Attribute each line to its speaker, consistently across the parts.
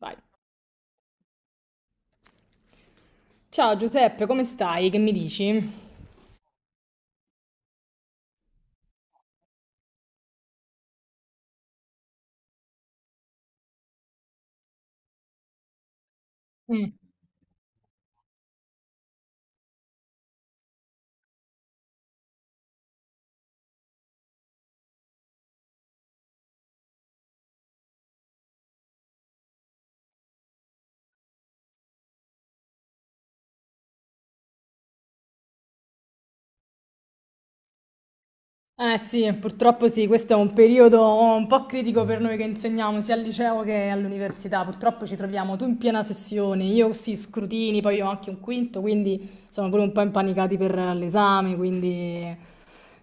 Speaker 1: Vai. Ciao Giuseppe, come stai? Che mi dici? Mm. Eh sì, purtroppo sì, questo è un periodo un po' critico per noi che insegniamo sia al liceo che all'università. Purtroppo ci troviamo tu in piena sessione, io sì, scrutini, poi ho anche un quinto, quindi sono pure un po' impanicati per l'esame, quindi...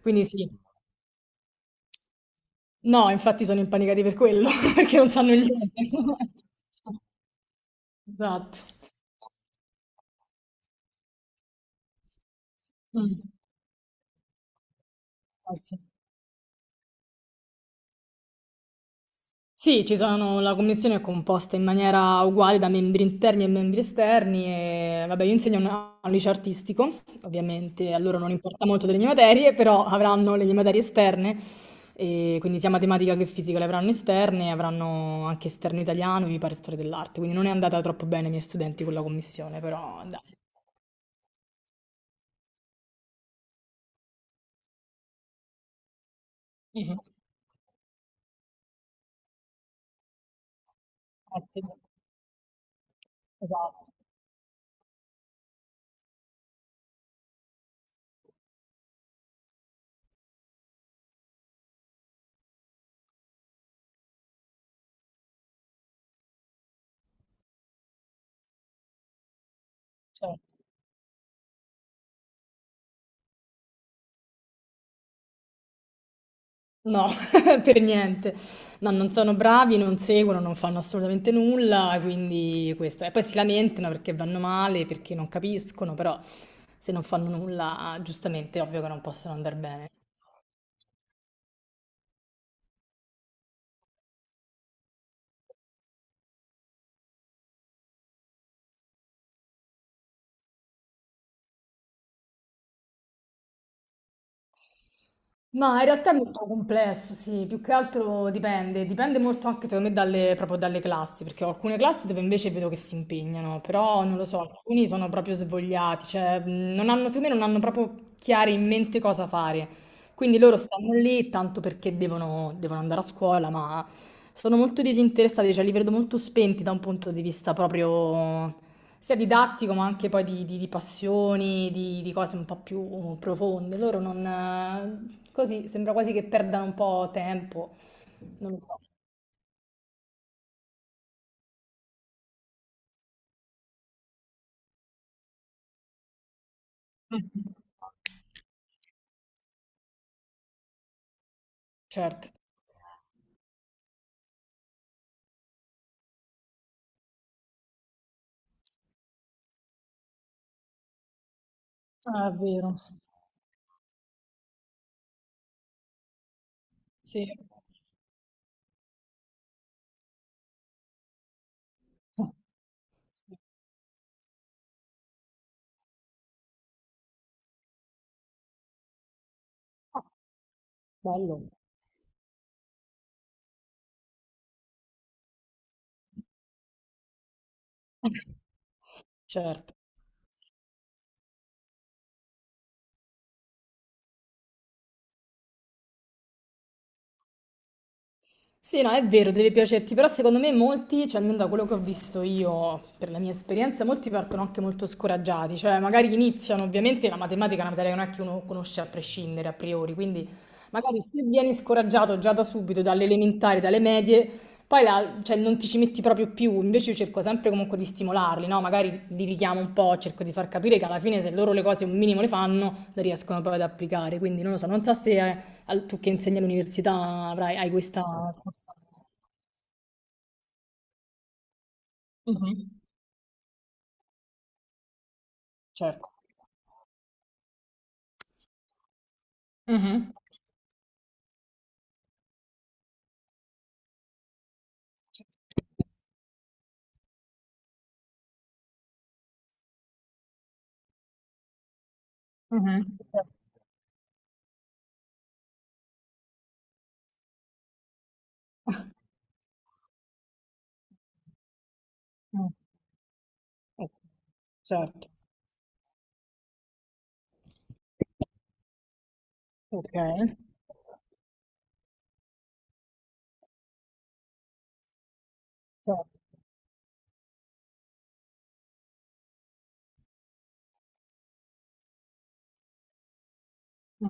Speaker 1: quindi sì. No, infatti sono impanicati per quello, perché non sanno niente. Esatto. Mm. Eh sì. Sì, ci sono, la commissione è composta in maniera uguale da membri interni e membri esterni e vabbè, io insegno a un liceo artistico, ovviamente a loro non importa molto delle mie materie, però avranno le mie materie esterne, e quindi sia matematica che fisica le avranno esterne, avranno anche esterno italiano e mi pare storia dell'arte, quindi non è andata troppo bene ai miei studenti con la commissione, però dai. Mhm. Eh sì, esatto, certo. No, per niente. No, non sono bravi, non seguono, non fanno assolutamente nulla, quindi questo. E poi si lamentano perché vanno male, perché non capiscono, però se non fanno nulla, giustamente è ovvio che non possono andare bene. Ma in realtà è molto complesso, sì, più che altro dipende, molto anche secondo me dalle, proprio dalle classi, perché ho alcune classi dove invece vedo che si impegnano, però non lo so, alcuni sono proprio svogliati, cioè non hanno, secondo me non hanno proprio chiari in mente cosa fare, quindi loro stanno lì tanto perché devono, devono andare a scuola, ma sono molto disinteressati, cioè li vedo molto spenti da un punto di vista proprio sia didattico ma anche poi di, di passioni, di cose un po' più profonde. Loro non... così sembra quasi che perdano un po' tempo, non lo so. Mhm. Certo, ah, è vero. Sì, sì. Ah, bello. Certo. Sì, no, è vero, deve piacerti, però secondo me molti, cioè almeno da quello che ho visto io, per la mia esperienza, molti partono anche molto scoraggiati, cioè magari iniziano, ovviamente la matematica è una materia che non è che uno conosce a prescindere, a priori, quindi magari se vieni scoraggiato già da subito, dalle elementari, dalle medie, poi cioè, non ti ci metti proprio più, invece io cerco sempre comunque di stimolarli, no? Magari li richiamo un po', cerco di far capire che alla fine se loro le cose un minimo le fanno, le riescono poi ad applicare, quindi non lo so, non so se... al tu che insegni all'università avrai hai questa forza. Mh-mh, certo. Mh-mh, mh-mh. Mh, o certo, okay, certo, mh,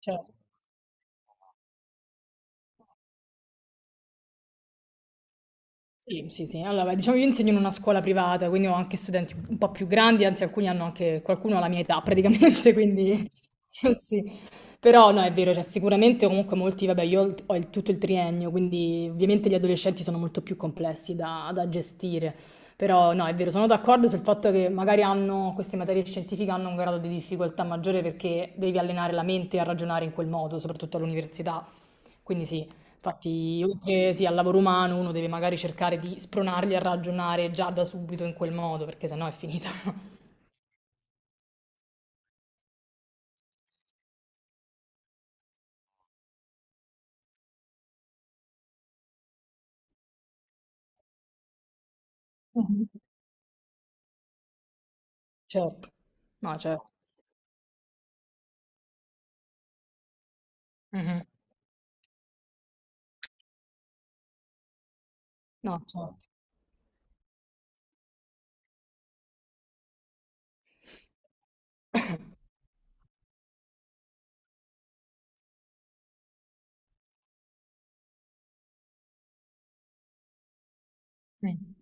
Speaker 1: certo. Sì, sì, sì. Allora, beh, diciamo io insegno in una scuola privata, quindi ho anche studenti un po' più grandi, anzi alcuni hanno anche qualcuno ha la mia età praticamente, quindi sì. Però no, è vero, cioè sicuramente comunque molti, vabbè, io ho tutto il triennio, quindi ovviamente gli adolescenti sono molto più complessi da, da gestire. Però no, è vero, sono d'accordo sul fatto che magari hanno, queste materie scientifiche hanno un grado di difficoltà maggiore perché devi allenare la mente a ragionare in quel modo, soprattutto all'università. Quindi sì, infatti, oltre sì, al lavoro umano, uno deve magari cercare di spronarli a ragionare già da subito in quel modo, perché sennò è finita. Mhm. Certo, no, certo. Mhm. No, certo. Mm.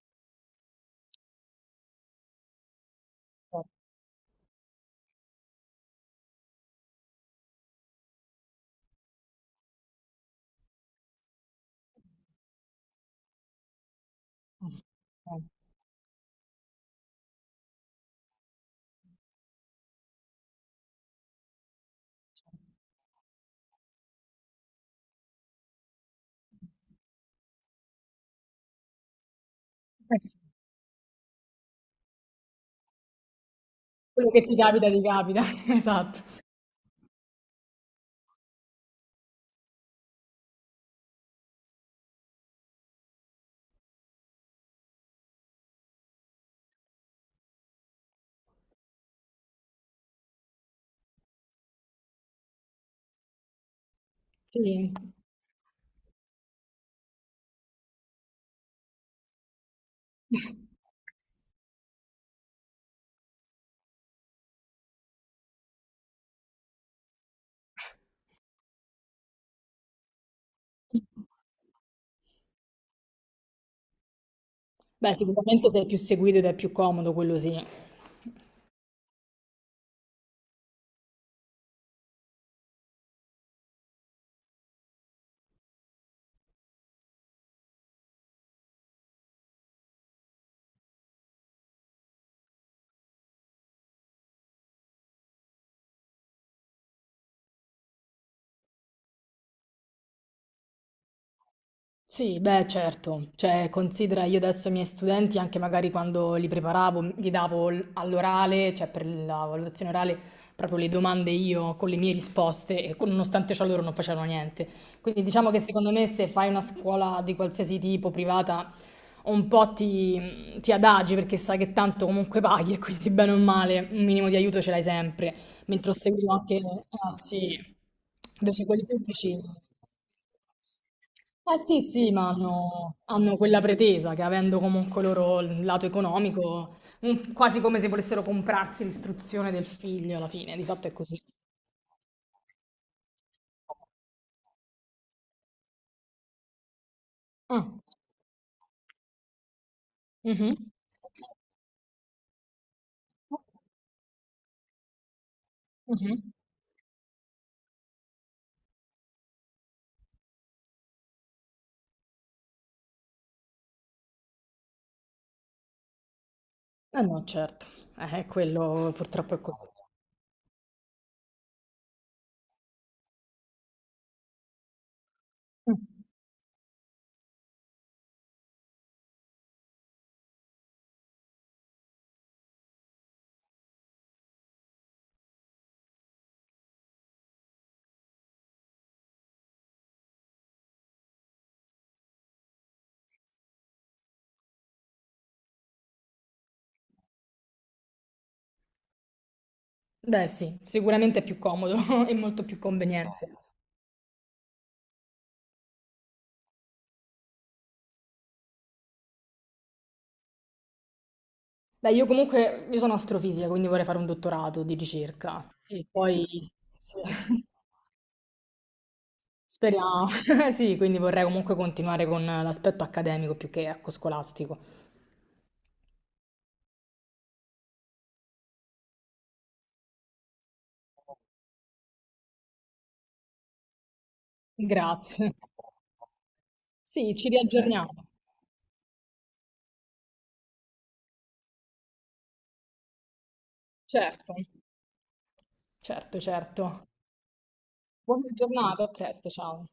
Speaker 1: Mh, eh, eh sì, quello che ti capita, esatto. Sì. Beh, sicuramente sei più seguito ed è più comodo, quello sì. Sì, beh, certo. Cioè, considera io adesso i miei studenti, anche magari quando li preparavo, gli davo all'orale, cioè per la valutazione orale, proprio le domande io con le mie risposte e nonostante ciò loro non facevano niente. Quindi diciamo che secondo me se fai una scuola di qualsiasi tipo privata, un po' ti adagi perché sai che tanto comunque paghi e quindi bene o male un minimo di aiuto ce l'hai sempre. Mentre ho seguito anche ah sì, invece quelli pubblici. Eh sì, sì, ma hanno, hanno quella pretesa che avendo comunque loro il lato economico, un- quasi come se volessero comprarsi l'istruzione del figlio alla fine, di fatto è così. Ah, mhm, mhm. Eh no, certo, quello purtroppo è così. Mm. Beh sì, sicuramente è più comodo e molto più conveniente. Beh, io comunque io sono astrofisica, quindi vorrei fare un dottorato di ricerca. E poi sì, speriamo. Sì, quindi vorrei comunque continuare con l'aspetto accademico più che ecco, scolastico. Grazie. Sì, ci riaggiorniamo. Certo, certo, certo. Buona giornata, a presto, ciao.